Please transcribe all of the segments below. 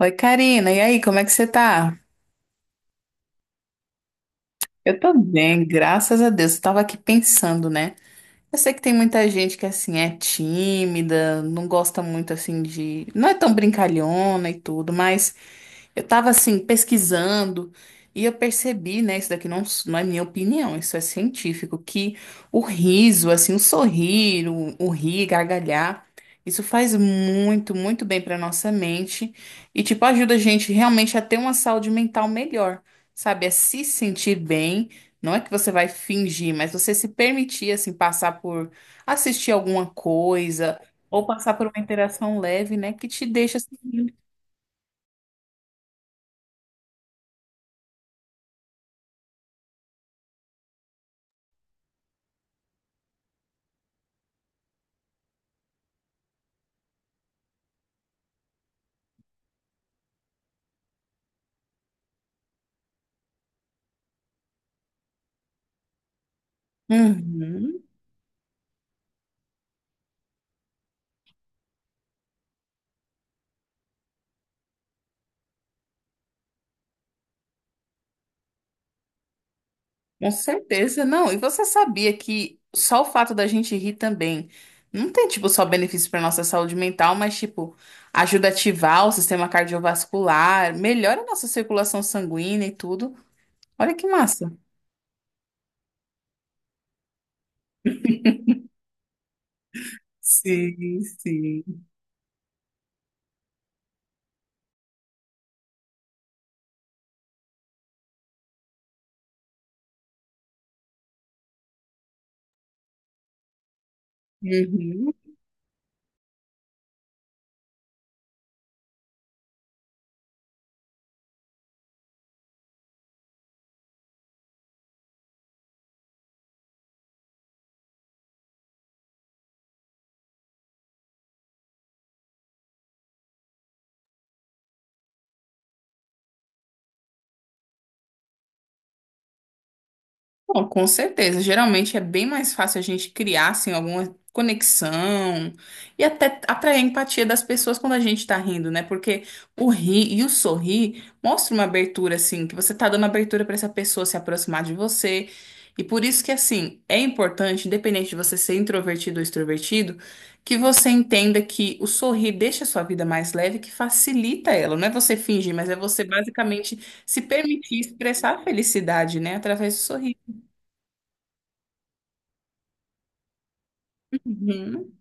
Oi, Karina, e aí, como é que você tá? Eu tô bem, graças a Deus. Eu tava aqui pensando, né? Eu sei que tem muita gente que, assim, é tímida, não gosta muito, assim, de. Não é tão brincalhona e tudo, mas. Eu tava assim pesquisando e eu percebi, né, isso daqui não, não é minha opinião, isso é científico, que o riso, assim, o sorrir, o rir, gargalhar, isso faz muito bem pra nossa mente e tipo ajuda a gente realmente a ter uma saúde mental melhor, sabe? É se sentir bem, não é que você vai fingir, mas você se permitir assim passar por assistir alguma coisa ou passar por uma interação leve, né, que te deixa assim. Uhum. Com certeza, não. E você sabia que só o fato da gente rir também não tem, tipo, só benefício para nossa saúde mental, mas, tipo, ajuda a ativar o sistema cardiovascular, melhora a nossa circulação sanguínea e tudo. Olha que massa. Sim, sim. Uhum. Bom, com certeza. Geralmente é bem mais fácil a gente criar assim, alguma conexão e até atrair a empatia das pessoas quando a gente tá rindo, né? Porque o rir e o sorrir mostra uma abertura, assim, que você tá dando abertura pra essa pessoa se aproximar de você. E por isso que, assim, é importante, independente de você ser introvertido ou extrovertido, que você entenda que o sorrir deixa a sua vida mais leve, que facilita ela. Não é você fingir, mas é você basicamente se permitir expressar a felicidade, né? Através do sorriso. Uhum,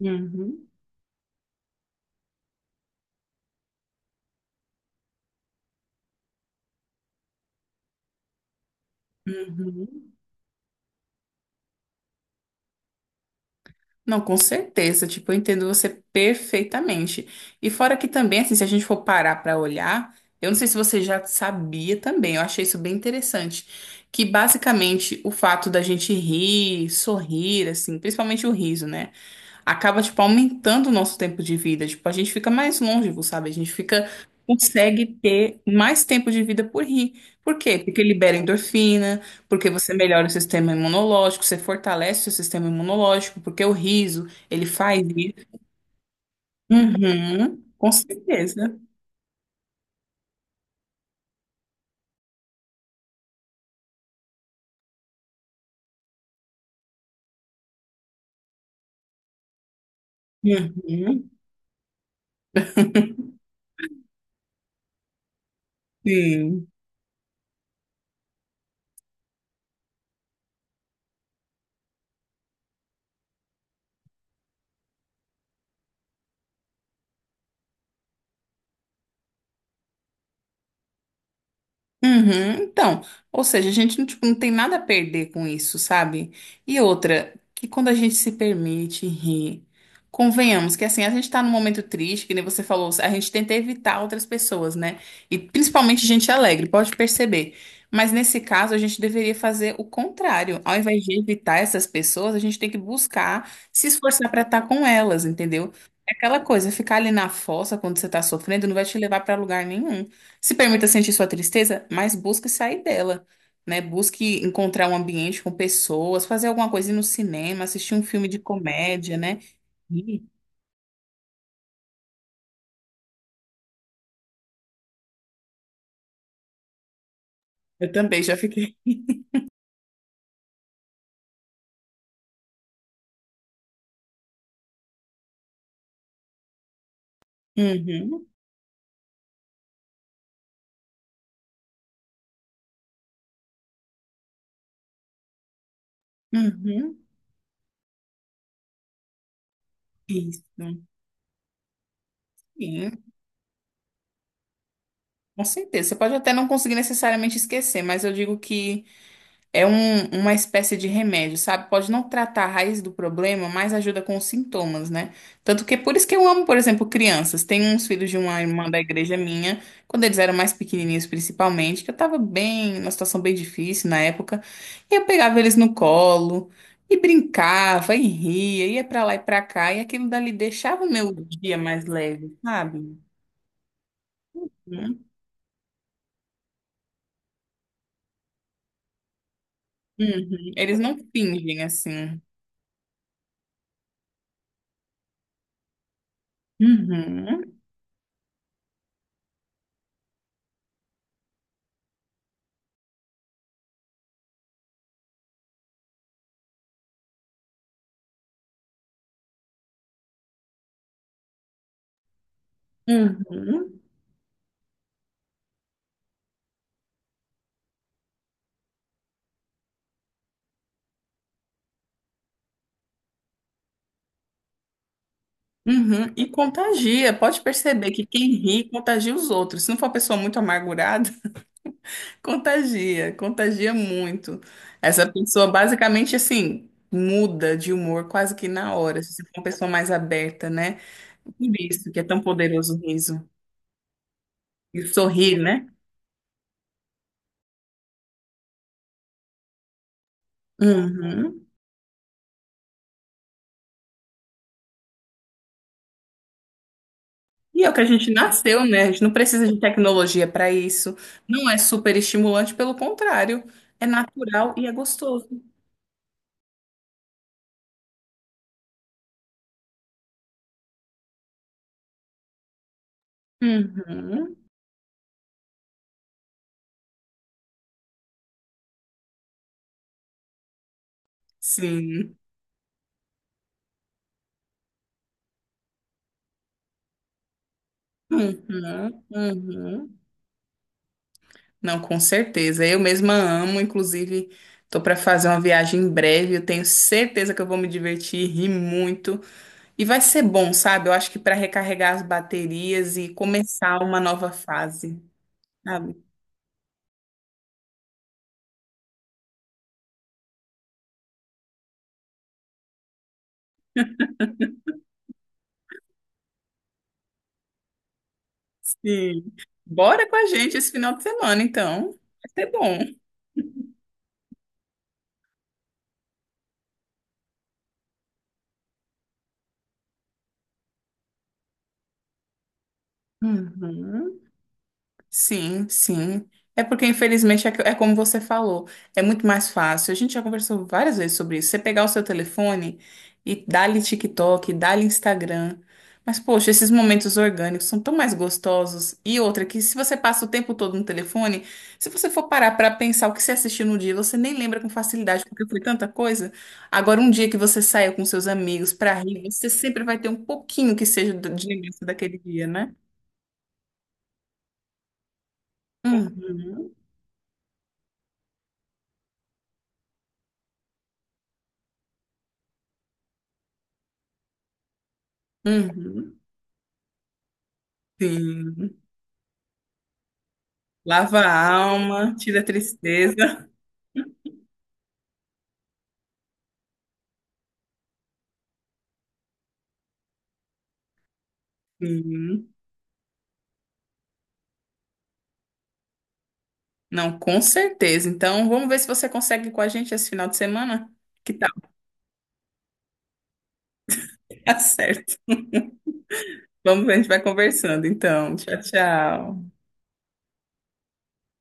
uhum, uhum. Não, com certeza. Tipo, eu entendo você perfeitamente. E fora que também, assim, se a gente for parar para olhar, eu não sei se você já sabia também, eu achei isso bem interessante, que basicamente o fato da gente rir, sorrir, assim, principalmente o riso, né? Acaba, tipo, aumentando o nosso tempo de vida. Tipo, a gente fica mais longevo, sabe? A gente fica, consegue ter mais tempo de vida por rir. Por quê? Porque libera endorfina, porque você melhora o sistema imunológico, você fortalece o sistema imunológico, porque o riso, ele faz isso. Uhum, com certeza. Uhum, sim. Uhum, então, ou seja, a gente não, tipo, não tem nada a perder com isso, sabe? E outra, que quando a gente se permite rir, convenhamos que assim, a gente tá num momento triste, que nem você falou, a gente tenta evitar outras pessoas, né? E principalmente gente alegre, pode perceber. Mas nesse caso, a gente deveria fazer o contrário. Ao invés de evitar essas pessoas, a gente tem que buscar se esforçar pra estar com elas, entendeu? É aquela coisa, ficar ali na fossa quando você tá sofrendo não vai te levar pra lugar nenhum. Se permita sentir sua tristeza, mas busque sair dela, né? Busque encontrar um ambiente com pessoas, fazer alguma coisa, ir no cinema, assistir um filme de comédia, né? Ih, eu também já fiquei. Uhum, uhum, isso. Sim, com certeza. Você pode até não conseguir necessariamente esquecer, mas eu digo que é uma espécie de remédio, sabe? Pode não tratar a raiz do problema, mas ajuda com os sintomas, né? Tanto que é por isso que eu amo, por exemplo, crianças. Tem uns filhos de uma irmã da igreja minha, quando eles eram mais pequenininhos, principalmente, que eu tava bem, numa situação bem difícil na época, e eu pegava eles no colo e brincava e ria, ia pra lá e pra cá, e aquilo dali deixava o meu dia mais leve, sabe? Uhum. Uhum. Eles não fingem assim. Uhum. Uhum. Uhum, e contagia, pode perceber que quem ri contagia os outros. Se não for uma pessoa muito amargurada, contagia, contagia muito. Essa pessoa basicamente assim muda de humor quase que na hora, se for uma pessoa mais aberta, né? Por isso que é tão poderoso o riso. E sorrir, né? Uhum. E é o que a gente nasceu, né? A gente não precisa de tecnologia para isso. Não é super estimulante, pelo contrário, é natural e é gostoso. Uhum. Sim. Uhum, uhum. Não, com certeza. Eu mesma amo, inclusive, tô para fazer uma viagem em breve. Eu tenho certeza que eu vou me divertir, rir muito e vai ser bom, sabe? Eu acho que para recarregar as baterias e começar uma nova fase, sabe? Sim. Bora com a gente esse final de semana, então. Vai ser bom. Uhum. Sim, sim. É porque, infelizmente, é como você falou, é muito mais fácil. A gente já conversou várias vezes sobre isso. Você pegar o seu telefone e dá-lhe TikTok, dá-lhe Instagram. Mas, poxa, esses momentos orgânicos são tão mais gostosos. E outra, que se você passa o tempo todo no telefone, se você for parar para pensar o que você assistiu no dia, você nem lembra com facilidade, porque foi tanta coisa. Agora, um dia que você saia com seus amigos para rir, você sempre vai ter um pouquinho que seja de lembrança daquele dia, né? Uhum. Uhum. Sim. Lava a alma, tira a tristeza. Sim. Não, com certeza. Então, vamos ver se você consegue ir com a gente esse final de semana. Que tal? Tá certo. Vamos ver, a gente vai conversando. Então, tchau, tchau.